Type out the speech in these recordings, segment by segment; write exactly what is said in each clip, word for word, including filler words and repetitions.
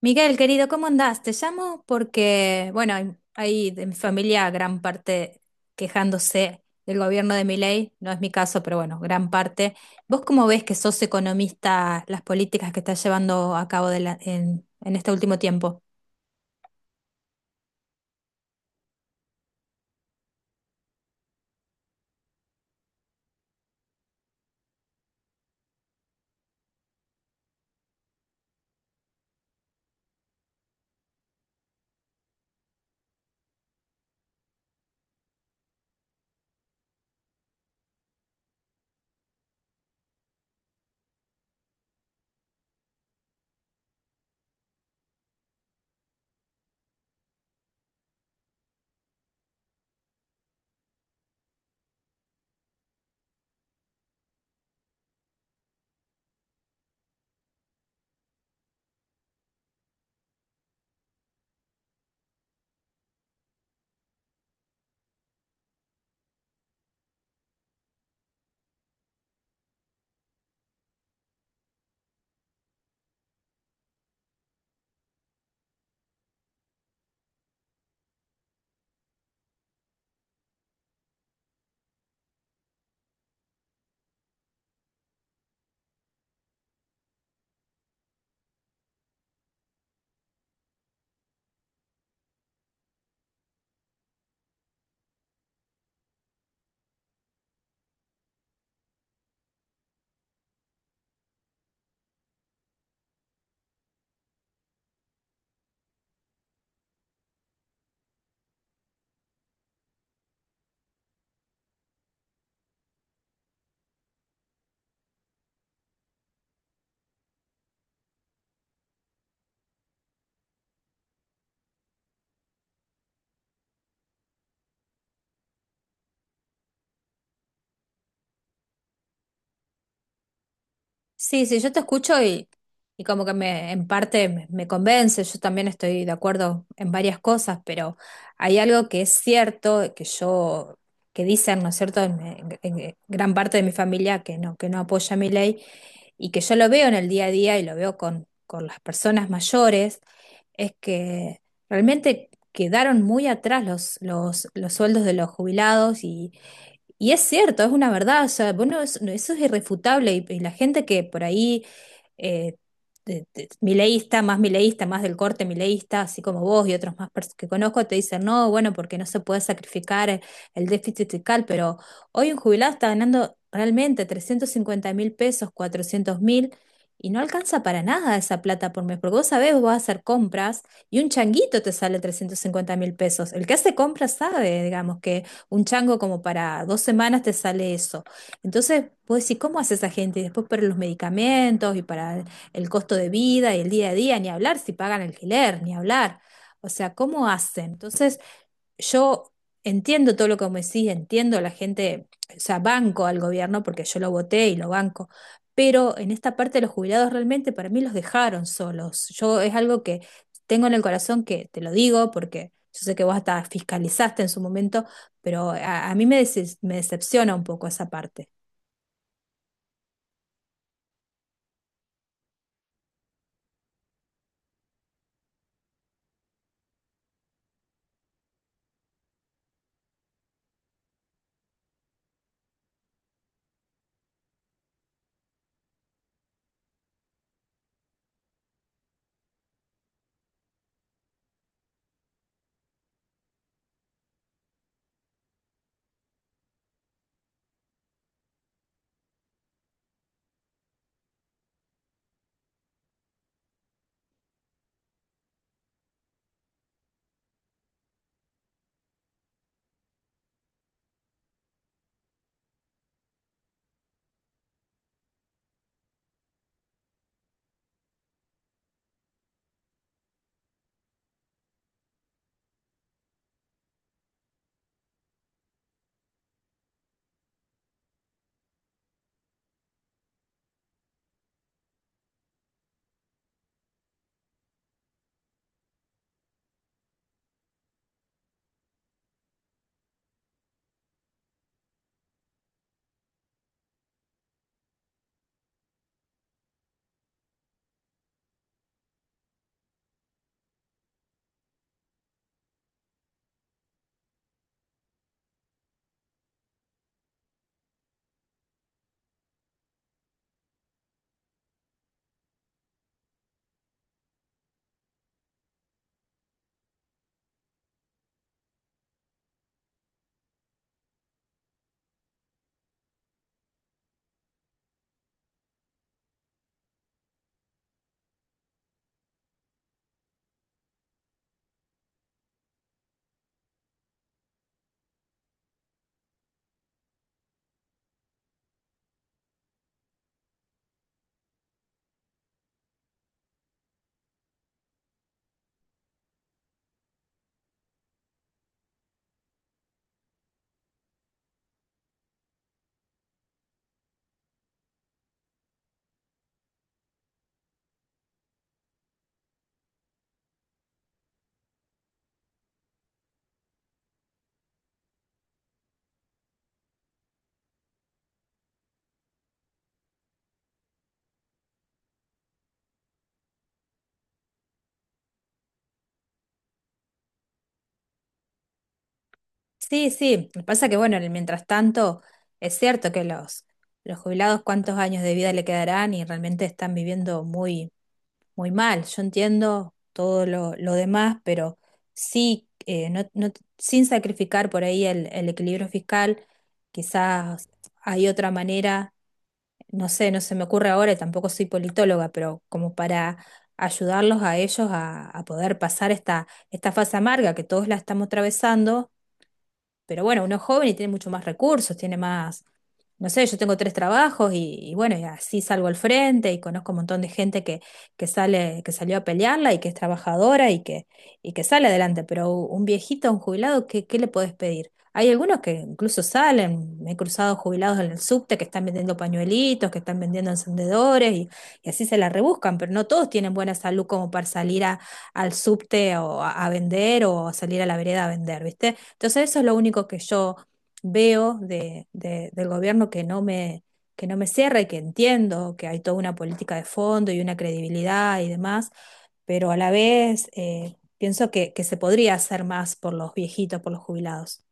Miguel, querido, ¿cómo andás? Te llamo porque, bueno, hay, hay de mi familia gran parte quejándose del gobierno de Milei, no es mi caso, pero bueno, gran parte. ¿Vos cómo ves, que sos economista, las políticas que está llevando a cabo de la- en, en este último tiempo? Sí, sí, yo te escucho y, y como que me, en parte me, me convence. Yo también estoy de acuerdo en varias cosas, pero hay algo que es cierto, que yo, que dicen, ¿no es cierto?, en, en- en gran parte de mi familia que no, que no apoya mi ley, y que yo lo veo en el día a día, y lo veo con, con las personas mayores, es que realmente quedaron muy atrás los, los, los sueldos de los jubilados. Y y es cierto, es una verdad, o sea, bueno, eso, no, eso es irrefutable. Y, y la gente que por ahí, eh, te- te- mileísta, más mileísta, más del corte mileísta, así como vos y otros más pers- que conozco, te dicen, no, bueno, porque no se puede sacrificar el, el déficit fiscal. Pero hoy un jubilado está ganando realmente trescientos cincuenta mil pesos, cuatrocientos mil, y no alcanza para nada esa plata por mes. Porque vos sabés, vos vas a hacer compras y un changuito te sale trescientos cincuenta mil pesos. El que hace compras sabe, digamos, un chango como para dos semanas te sale eso. Entonces, vos decís, ¿cómo hace esa gente? Y después para los medicamentos y para el costo de vida y el día a día, ni hablar si pagan alquiler, ni hablar. O sea, ¿cómo hacen? Entonces, yo entiendo todo lo que me decís, entiendo a la gente. O sea, banco al gobierno porque yo lo voté y lo banco, pero en esta parte de los jubilados realmente para mí los dejaron solos. Yo, es algo que tengo en el corazón, que te lo digo porque yo sé que vos hasta fiscalizaste en su momento, pero a, a mí me, dece- me decepciona un poco esa parte. Sí, sí, lo que pasa, que bueno, en el mientras tanto, es cierto que los, los jubilados cuántos años de vida le quedarán, y realmente están viviendo muy muy mal. Yo entiendo todo lo, lo demás, pero sí, eh, no, no- sin sacrificar por ahí el, el equilibrio fiscal, quizás hay otra manera, no sé, no se me ocurre ahora, y tampoco soy politóloga, pero como para ayudarlos a ellos a, a poder pasar esta, esta fase amarga que todos la estamos atravesando. Pero bueno, uno es joven y tiene mucho más recursos, tiene más, no sé, yo tengo tres trabajos, y, y bueno, y así salgo al frente, y conozco un montón de gente que, que sale, que salió a pelearla, y que es trabajadora, y, que, y que sale adelante. Pero un viejito, un jubilado, ¿qué, qué le podés pedir? Hay algunos que incluso salen, me he cruzado jubilados en el subte que están vendiendo pañuelitos, que están vendiendo encendedores, y, y así se la rebuscan, pero no todos tienen buena salud como para salir a, al subte, o a, a vender, o a salir a la vereda a vender, ¿viste? Entonces eso es lo único que yo veo de, de- del gobierno que no me, que no me cierra, y que entiendo que hay toda una política de fondo y una credibilidad y demás, pero a la vez eh, pienso que, que se podría hacer más por los viejitos, por los jubilados.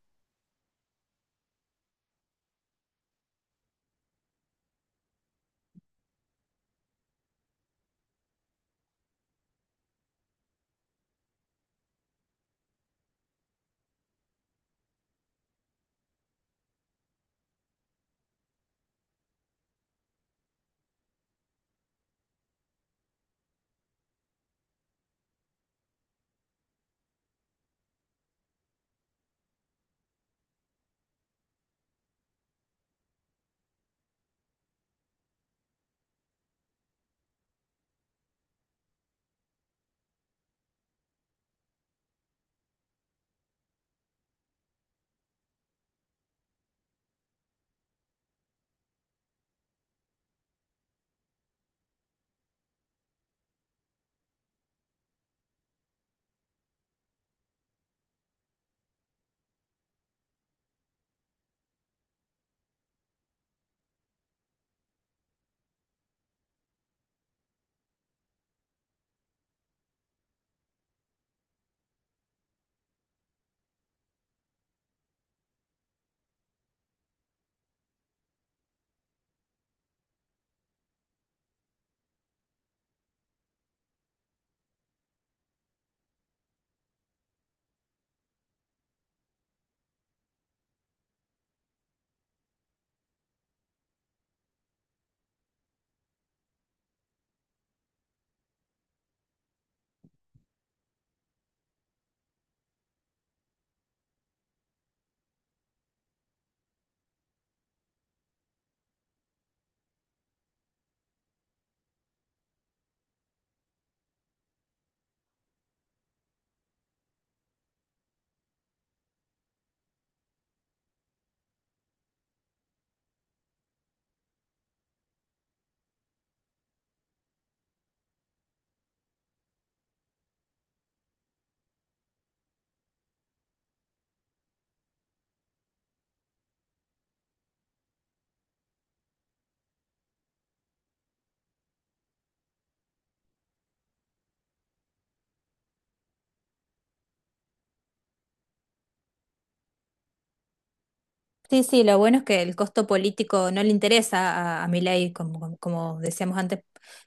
Sí, sí, lo bueno es que el costo político no le interesa a, a Milei, como, como como decíamos antes,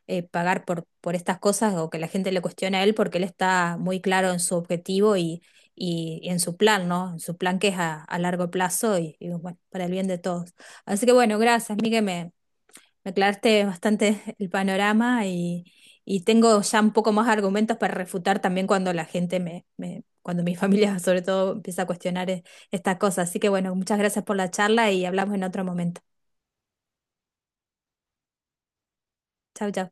eh, pagar por, por estas cosas, o que la gente le cuestione a él, porque él está muy claro en su objetivo, y, y, y en su plan, ¿no? En su plan, que es a, a largo plazo, y, y, bueno, para el bien de todos. Así que bueno, gracias, Miguel, me, me aclaraste bastante el panorama, y, y tengo ya un poco más argumentos para refutar también cuando la gente me, me- cuando mi familia sobre todo empieza a cuestionar e- estas cosas. Así que bueno, muchas gracias por la charla y hablamos en otro momento. Chau, chau.